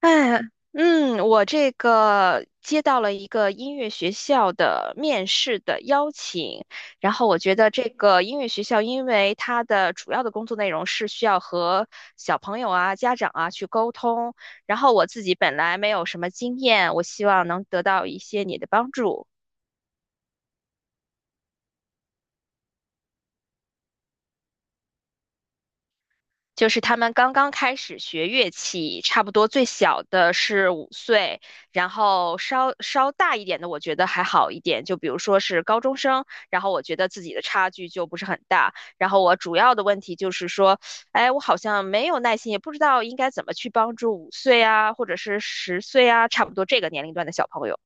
哎，嗯，我这个接到了一个音乐学校的面试的邀请，然后我觉得这个音乐学校，因为它的主要的工作内容是需要和小朋友啊、家长啊去沟通，然后我自己本来没有什么经验，我希望能得到一些你的帮助。就是他们刚刚开始学乐器，差不多最小的是五岁，然后稍稍大一点的，我觉得还好一点，就比如说是高中生，然后我觉得自己的差距就不是很大。然后我主要的问题就是说，哎，我好像没有耐心，也不知道应该怎么去帮助五岁啊，或者是10岁啊，差不多这个年龄段的小朋友，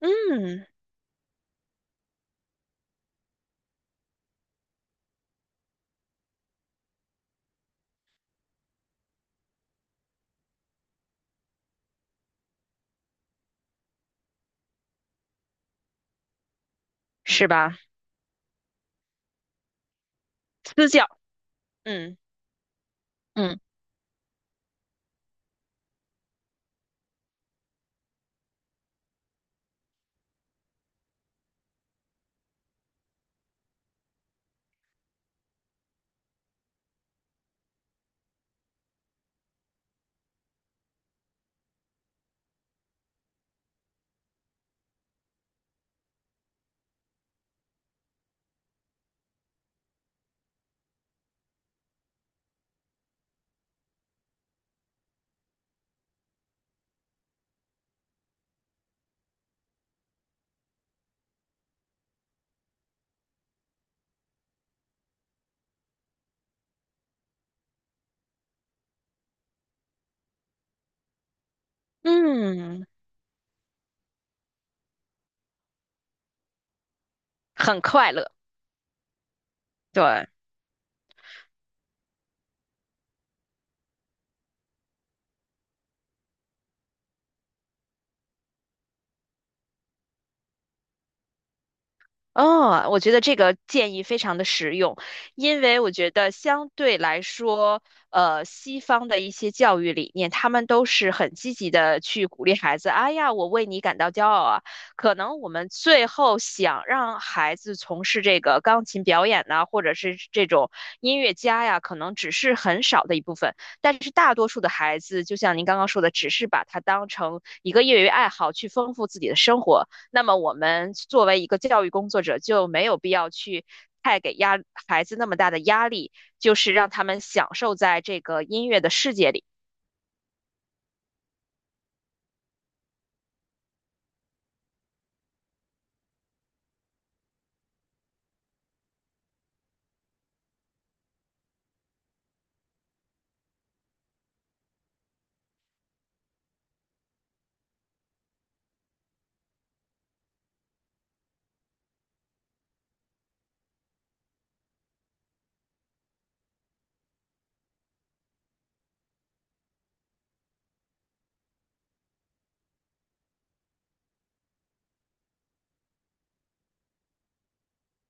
嗯，是吧？私教，嗯嗯嗯，很快乐，对。哦，我觉得这个建议非常的实用，因为我觉得相对来说，西方的一些教育理念，他们都是很积极的去鼓励孩子，哎呀，我为你感到骄傲啊。可能我们最后想让孩子从事这个钢琴表演呐，或者是这种音乐家呀，可能只是很少的一部分，但是大多数的孩子，就像您刚刚说的，只是把它当成一个业余爱好去丰富自己的生活。那么我们作为一个教育工作者，就没有必要去太给孩子那么大的压力，就是让他们享受在这个音乐的世界里。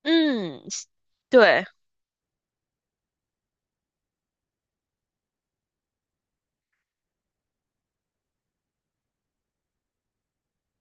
嗯，对。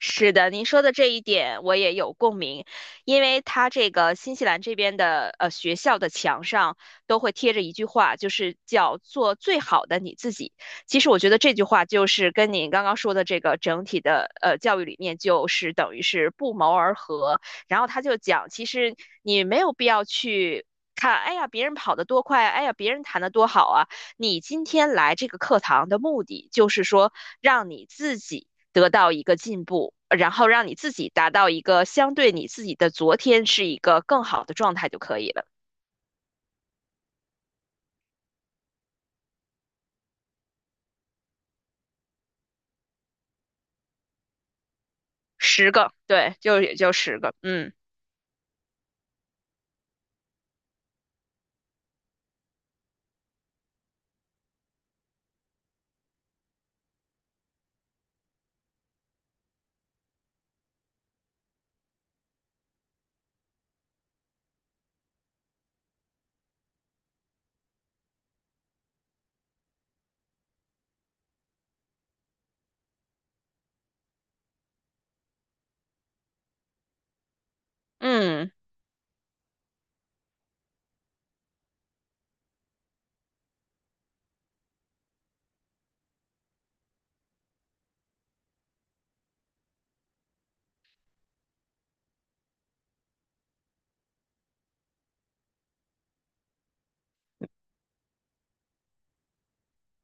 是的，您说的这一点我也有共鸣，因为它这个新西兰这边的学校的墙上都会贴着一句话，就是叫做最好的你自己。其实我觉得这句话就是跟您刚刚说的这个整体的教育理念就是等于是不谋而合。然后他就讲，其实你没有必要去。看，哎呀，别人跑得多快，哎呀，别人弹得多好啊！你今天来这个课堂的目的，就是说让你自己得到一个进步，然后让你自己达到一个相对你自己的昨天是一个更好的状态就可以了。十个，对，就也就十个，嗯嗯，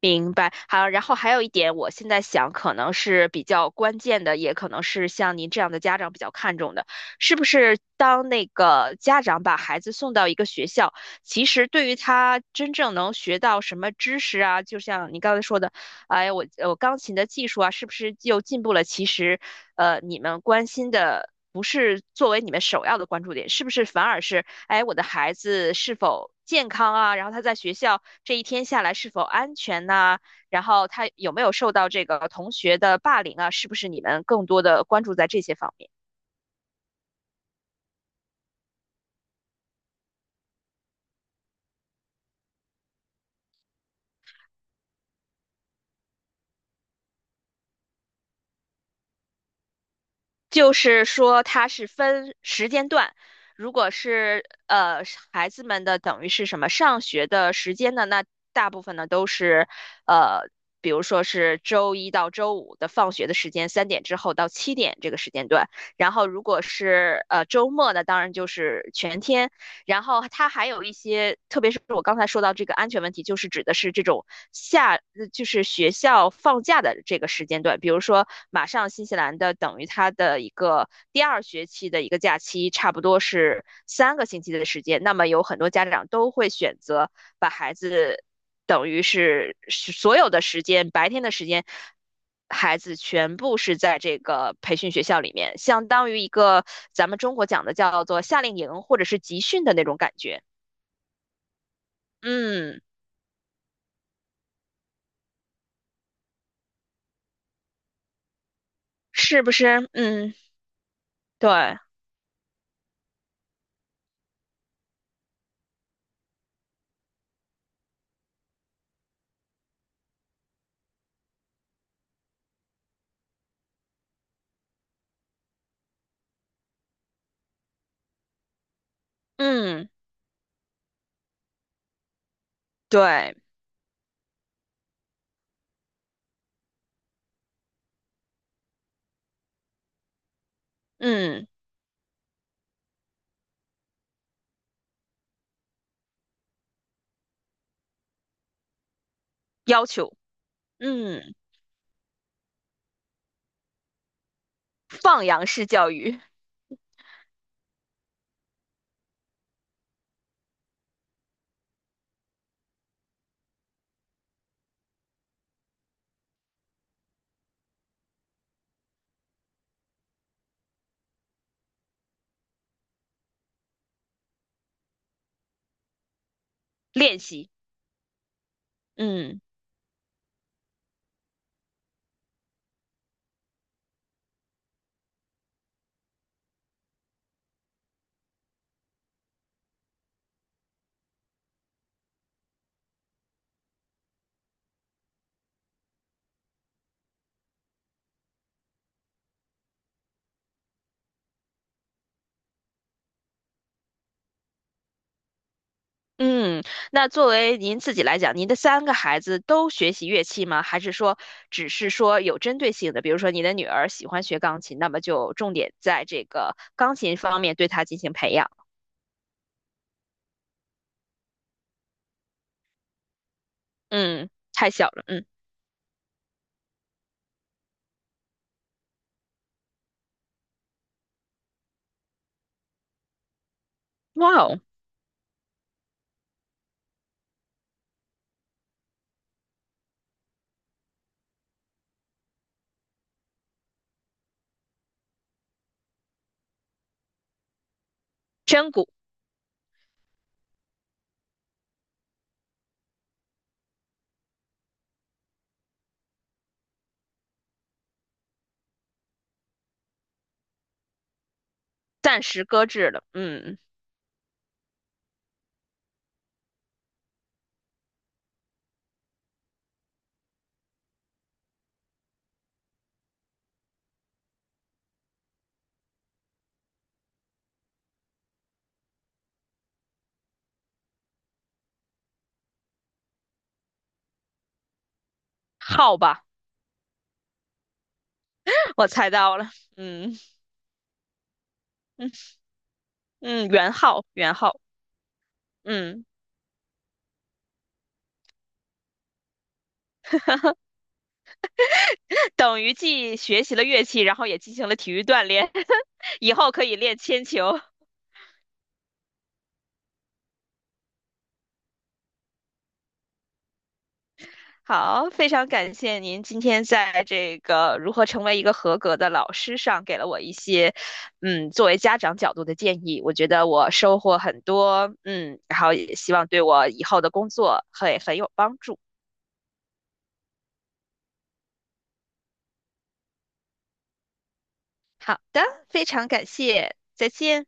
明白。好，然后还有一点，我现在想可能是比较关键的，也可能是像您这样的家长比较看重的，是不是当那个家长把孩子送到一个学校，其实对于他真正能学到什么知识啊，就像你刚才说的，哎，我钢琴的技术啊，是不是又进步了？其实，你们关心的不是作为你们首要的关注点，是不是反而是，哎，我的孩子是否健康啊？然后他在学校这一天下来是否安全呐、然后他有没有受到这个同学的霸凌啊？是不是你们更多的关注在这些方面？就是说它是分时间段，如果是孩子们的等于是什么上学的时间呢，那大部分呢都是呃，比如说是周一到周五的放学的时间，3点之后到7点这个时间段。然后如果是周末呢，当然就是全天，然后它还有一些，特别是我刚才说到这个安全问题，就是指的是这种就是学校放假的这个时间段，比如说马上新西兰的等于它的一个第二学期的一个假期，差不多是3个星期的时间，那么有很多家长都会选择把孩子。等于是所有的时间，白天的时间孩子全部是在这个培训学校里面，相当于一个咱们中国讲的叫做夏令营或者是集训的那种感觉。嗯，是不是？嗯，对，嗯，对，嗯，要求，嗯，放羊式教育练习，嗯。嗯，那作为您自己来讲，您的3个孩子都学习乐器吗？还是说只是说有针对性的，比如说你的女儿喜欢学钢琴，那么就重点在这个钢琴方面对她进行培养。嗯，太小了，嗯，哇哦，真鼓暂时搁置了，嗯，号吧，我猜到了，嗯嗯 嗯，元号元号，嗯，等于既学习了乐器，然后也进行了体育锻炼，以后可以练铅球。好，非常感谢您今天在这个如何成为一个合格的老师上给了我一些，嗯，作为家长角度的建议，我觉得我收获很多，嗯，然后也希望对我以后的工作会很有帮助。好的，非常感谢，再见。